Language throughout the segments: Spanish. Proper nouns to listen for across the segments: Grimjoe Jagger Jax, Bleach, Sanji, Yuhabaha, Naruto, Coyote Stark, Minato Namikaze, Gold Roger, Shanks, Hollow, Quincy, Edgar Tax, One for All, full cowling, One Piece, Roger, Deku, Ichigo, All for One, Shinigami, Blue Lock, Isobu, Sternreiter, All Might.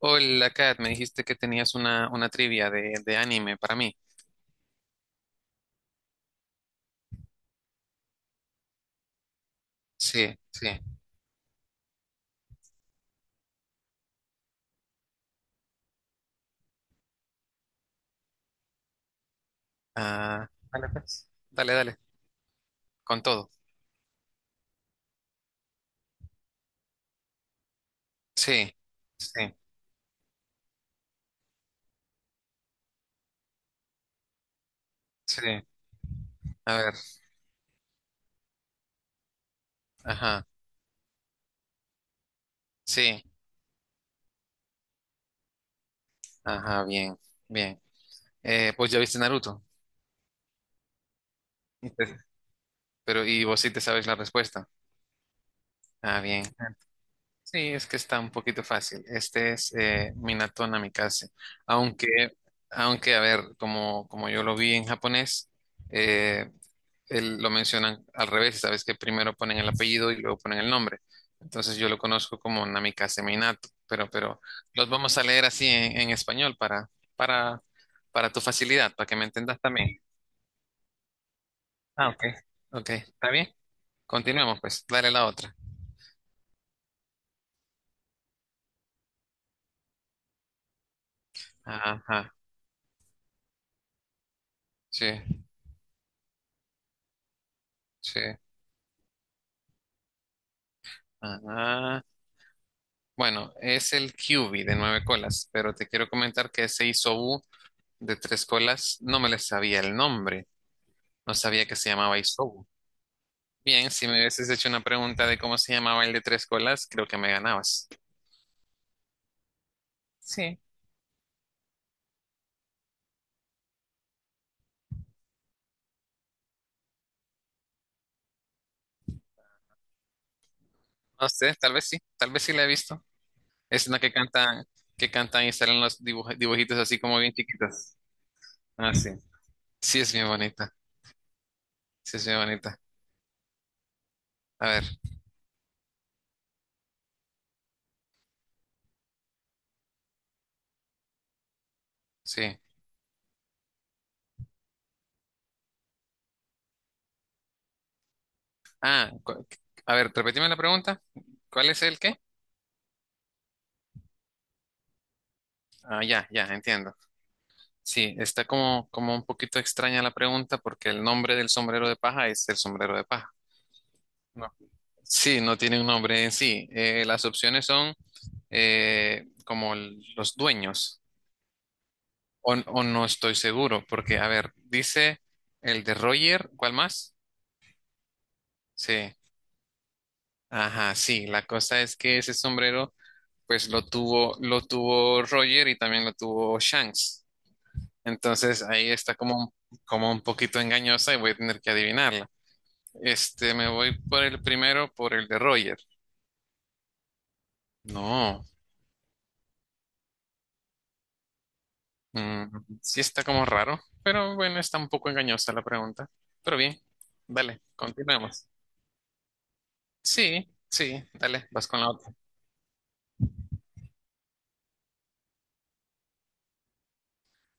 Hola, Kat, me dijiste que tenías una trivia de anime para mí. Sí, sí. Ah, dale, pues. Dale, dale, con todo. Sí, sí, sí. A ver, ajá, sí, ajá, bien, bien. Pues ya viste Naruto. Y pero vos sí te sabes la respuesta. Ah, bien. Sí, es que está un poquito fácil. Este es Minato Namikaze. Aunque, aunque, a ver, como yo lo vi en japonés, eh, lo mencionan al revés. Sabes que primero ponen el apellido y luego ponen el nombre. Entonces yo lo conozco como Namikaze Minato, pero los vamos a leer así en español para, para tu facilidad, para que me entendas también. Ah, ok. Ok, ¿está bien? Continuemos pues, dale la otra. Ajá, sí, sí. Ajá. Bueno, es el QB de nueve colas, pero te quiero comentar que ese Isobu de tres colas no me le sabía el nombre, no sabía que se llamaba Isobu. Bien, si me hubieses hecho una pregunta de cómo se llamaba el de tres colas, creo que me ganabas. Sí. No sé, tal vez sí la he visto. Es una que cantan y salen los dibujitos así como bien chiquitos. Ah, sí. Sí, es bien bonita. Sí, es bien bonita. A ver, sí. Ah, a ver, repetime la pregunta. ¿Cuál es el qué? Ah, ya, ya, entiendo. Sí, está como un poquito extraña la pregunta porque el nombre del sombrero de paja es el sombrero de paja. No. Sí, no tiene un nombre en sí. Las opciones son como los dueños, o no estoy seguro, porque, a ver, dice el de Roger. ¿Cuál más? Sí, ajá, sí, la cosa es que ese sombrero, pues lo tuvo Roger y también lo tuvo Shanks. Entonces ahí está como un poquito engañosa y voy a tener que adivinarla. Este, me voy por el primero, por el de Roger. No. Mm, sí está como raro, pero bueno, está un poco engañosa la pregunta. Pero bien, dale, continuemos. Sí, sí, dale, vas con la otra.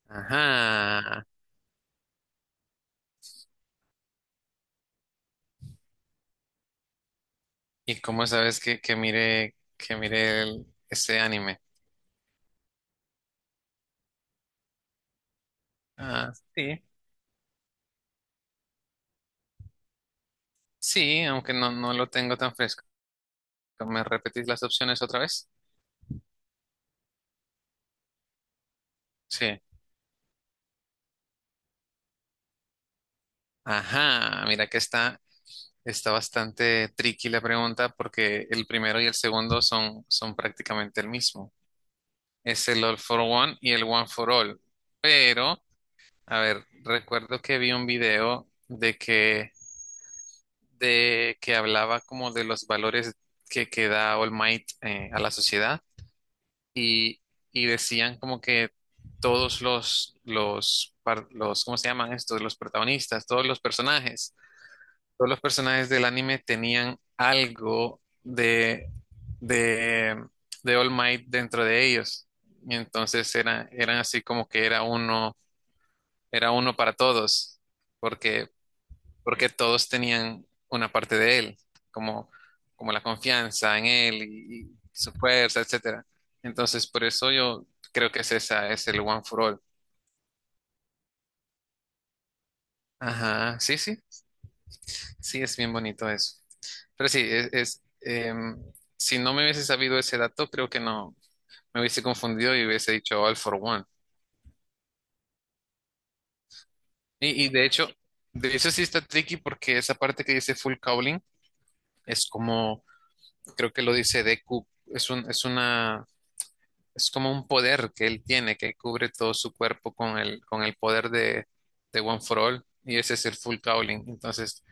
Ajá. ¿Y cómo sabes que mire ese anime? Ah, sí. Sí, aunque no lo tengo tan fresco. ¿Me repetís las opciones otra vez? Sí. Ajá, mira que está bastante tricky la pregunta porque el primero y el segundo son prácticamente el mismo. Es el All for One y el One for All. Pero, a ver, recuerdo que vi un video de que hablaba como de los valores que da All Might a la sociedad y, y decían como que todos los, ¿cómo se llaman estos? Los protagonistas, todos los personajes del anime tenían algo de, de All Might dentro de ellos. Y entonces eran así como que era uno para todos, porque, porque todos tenían una parte de él, como, como la confianza en él y su fuerza, etcétera. Entonces, por eso yo creo que es esa, es el One for All. Ajá, sí, sí. Sí, es bien bonito eso. Pero sí, es, si no me hubiese sabido ese dato, creo que no me hubiese confundido y hubiese dicho All for One. Y de hecho, de eso sí está tricky porque esa parte que dice full cowling es como, creo que lo dice Deku, es un, es una, es como un poder que él tiene que cubre todo su cuerpo con el poder de One for All y ese es el full cowling. Entonces,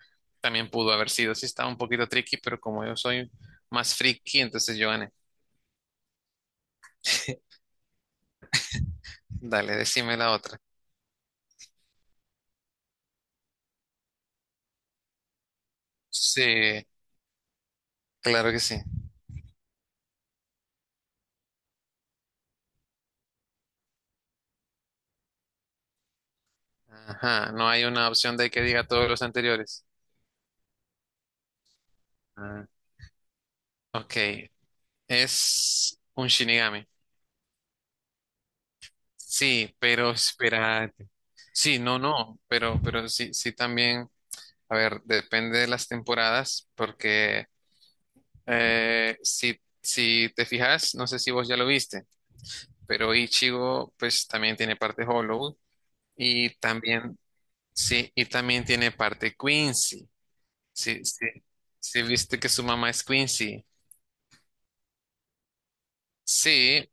también pudo haber sido. Sí, estaba un poquito tricky, pero como yo soy más friki, entonces yo gané. Dale, decime la otra. Sí, claro que sí. Ajá, no hay una opción de que diga todos los anteriores. Ah, ok, es un Shinigami. Sí, pero espérate. Sí, no, no, pero sí, sí también, a ver, depende de las temporadas, porque si te fijas, no sé si vos ya lo viste, pero Ichigo pues también tiene parte Hollow y también, sí, y también tiene parte Quincy. Sí, sí. Sí, viste que su mamá es Quincy. Sí,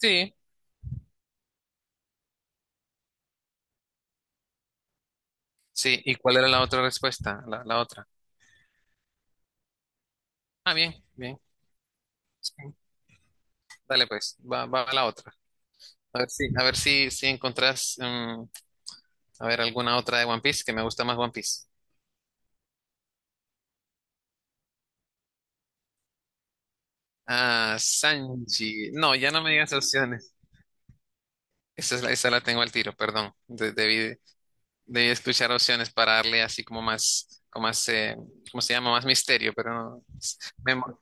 sí, sí. ¿Y cuál era la otra respuesta? La otra. Ah, bien, bien. Sí. Dale pues, va a la otra. A ver si encontrás, a ver, alguna otra de One Piece, que me gusta más One Piece. Ah, Sanji. No, ya no me digas opciones. Esa la tengo al tiro, perdón. Debí escuchar opciones para darle así como más, ¿cómo se llama? Más misterio, pero no. Me emo-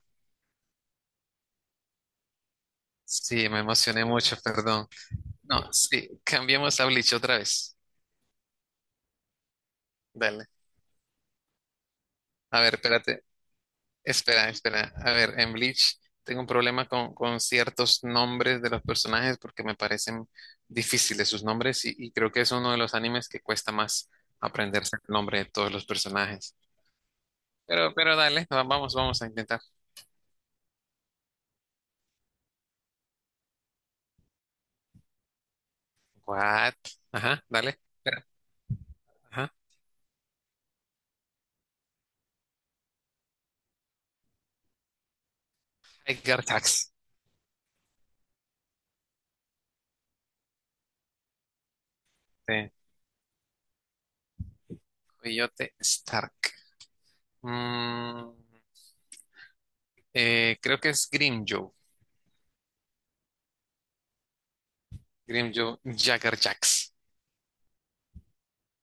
sí, me emocioné mucho, perdón. No, sí, cambiemos a Bleach otra vez. Dale. A ver, espérate. Espera, espera. A ver, en Bleach tengo un problema con ciertos nombres de los personajes porque me parecen difíciles sus nombres y creo que es uno de los animes que cuesta más aprenderse el nombre de todos los personajes. Pero dale, vamos a intentar. What? Ajá, dale. Espera, ajá. Edgar Tax. Sí. Coyote Stark. Mm, Creo que es Grimjoe. Grimjoe Jagger Jax.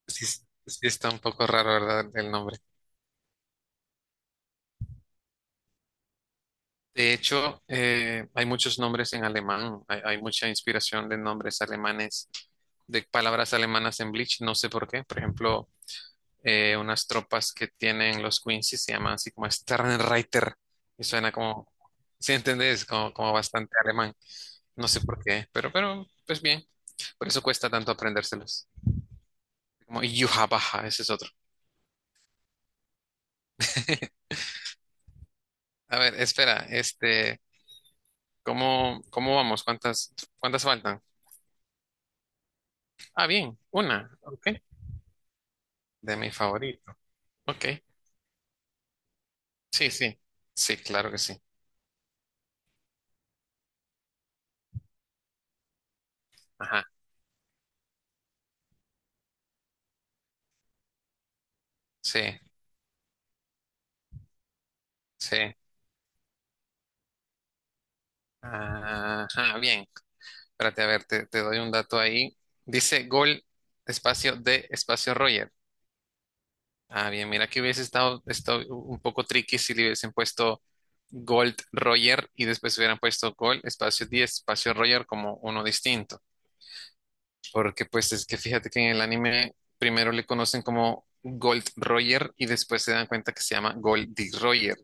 Sí, sí está un poco raro, ¿verdad? El nombre. De hecho, hay muchos nombres en alemán. Hay mucha inspiración de nombres alemanes, de palabras alemanas en Bleach. No sé por qué. Por ejemplo, unas tropas que tienen los Quincy se llaman así como Sternreiter. Y suena como, ¿sí entendés? Como bastante alemán. No sé por qué, pero, pues bien. Por eso cuesta tanto aprendérselos. Como Yuhabaha, ese es otro. A ver, espera, este. ¿Cómo vamos? ¿Cuántas faltan? Ah, bien, una. Ok. De mi favorito. Ok. Sí, sí. Sí, claro que sí. Ajá. Sí, sí. Ajá, bien. Espérate, a ver, te doy un dato ahí. Dice gol, espacio de, espacio Roger. Ah, bien, mira que hubiese estado un poco tricky si le hubiesen puesto Gold Roger y después hubieran puesto Gold, espacio 10 espacio Roger como uno distinto. Porque pues es que fíjate que en el anime primero le conocen como Gold Roger y después se dan cuenta que se llama Goldie Roger.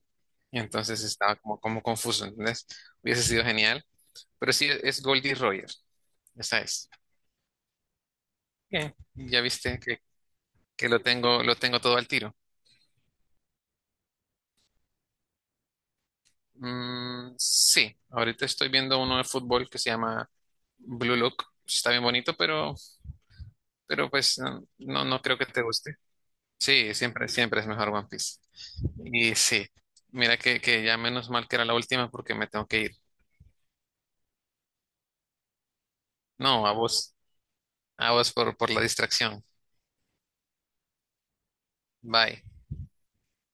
Y entonces estaba como confuso, ¿entendés? Hubiese sido genial. Pero sí, es Goldie Roger. Esa es. Bien. Ya viste que lo tengo, todo al tiro. Sí, ahorita estoy viendo uno de fútbol que se llama Blue Lock. Está bien bonito, pero pues no creo que te guste. Sí, siempre, siempre es mejor One Piece. Y sí, mira que ya menos mal que era la última porque me tengo que ir. No, a vos por la distracción. Bye.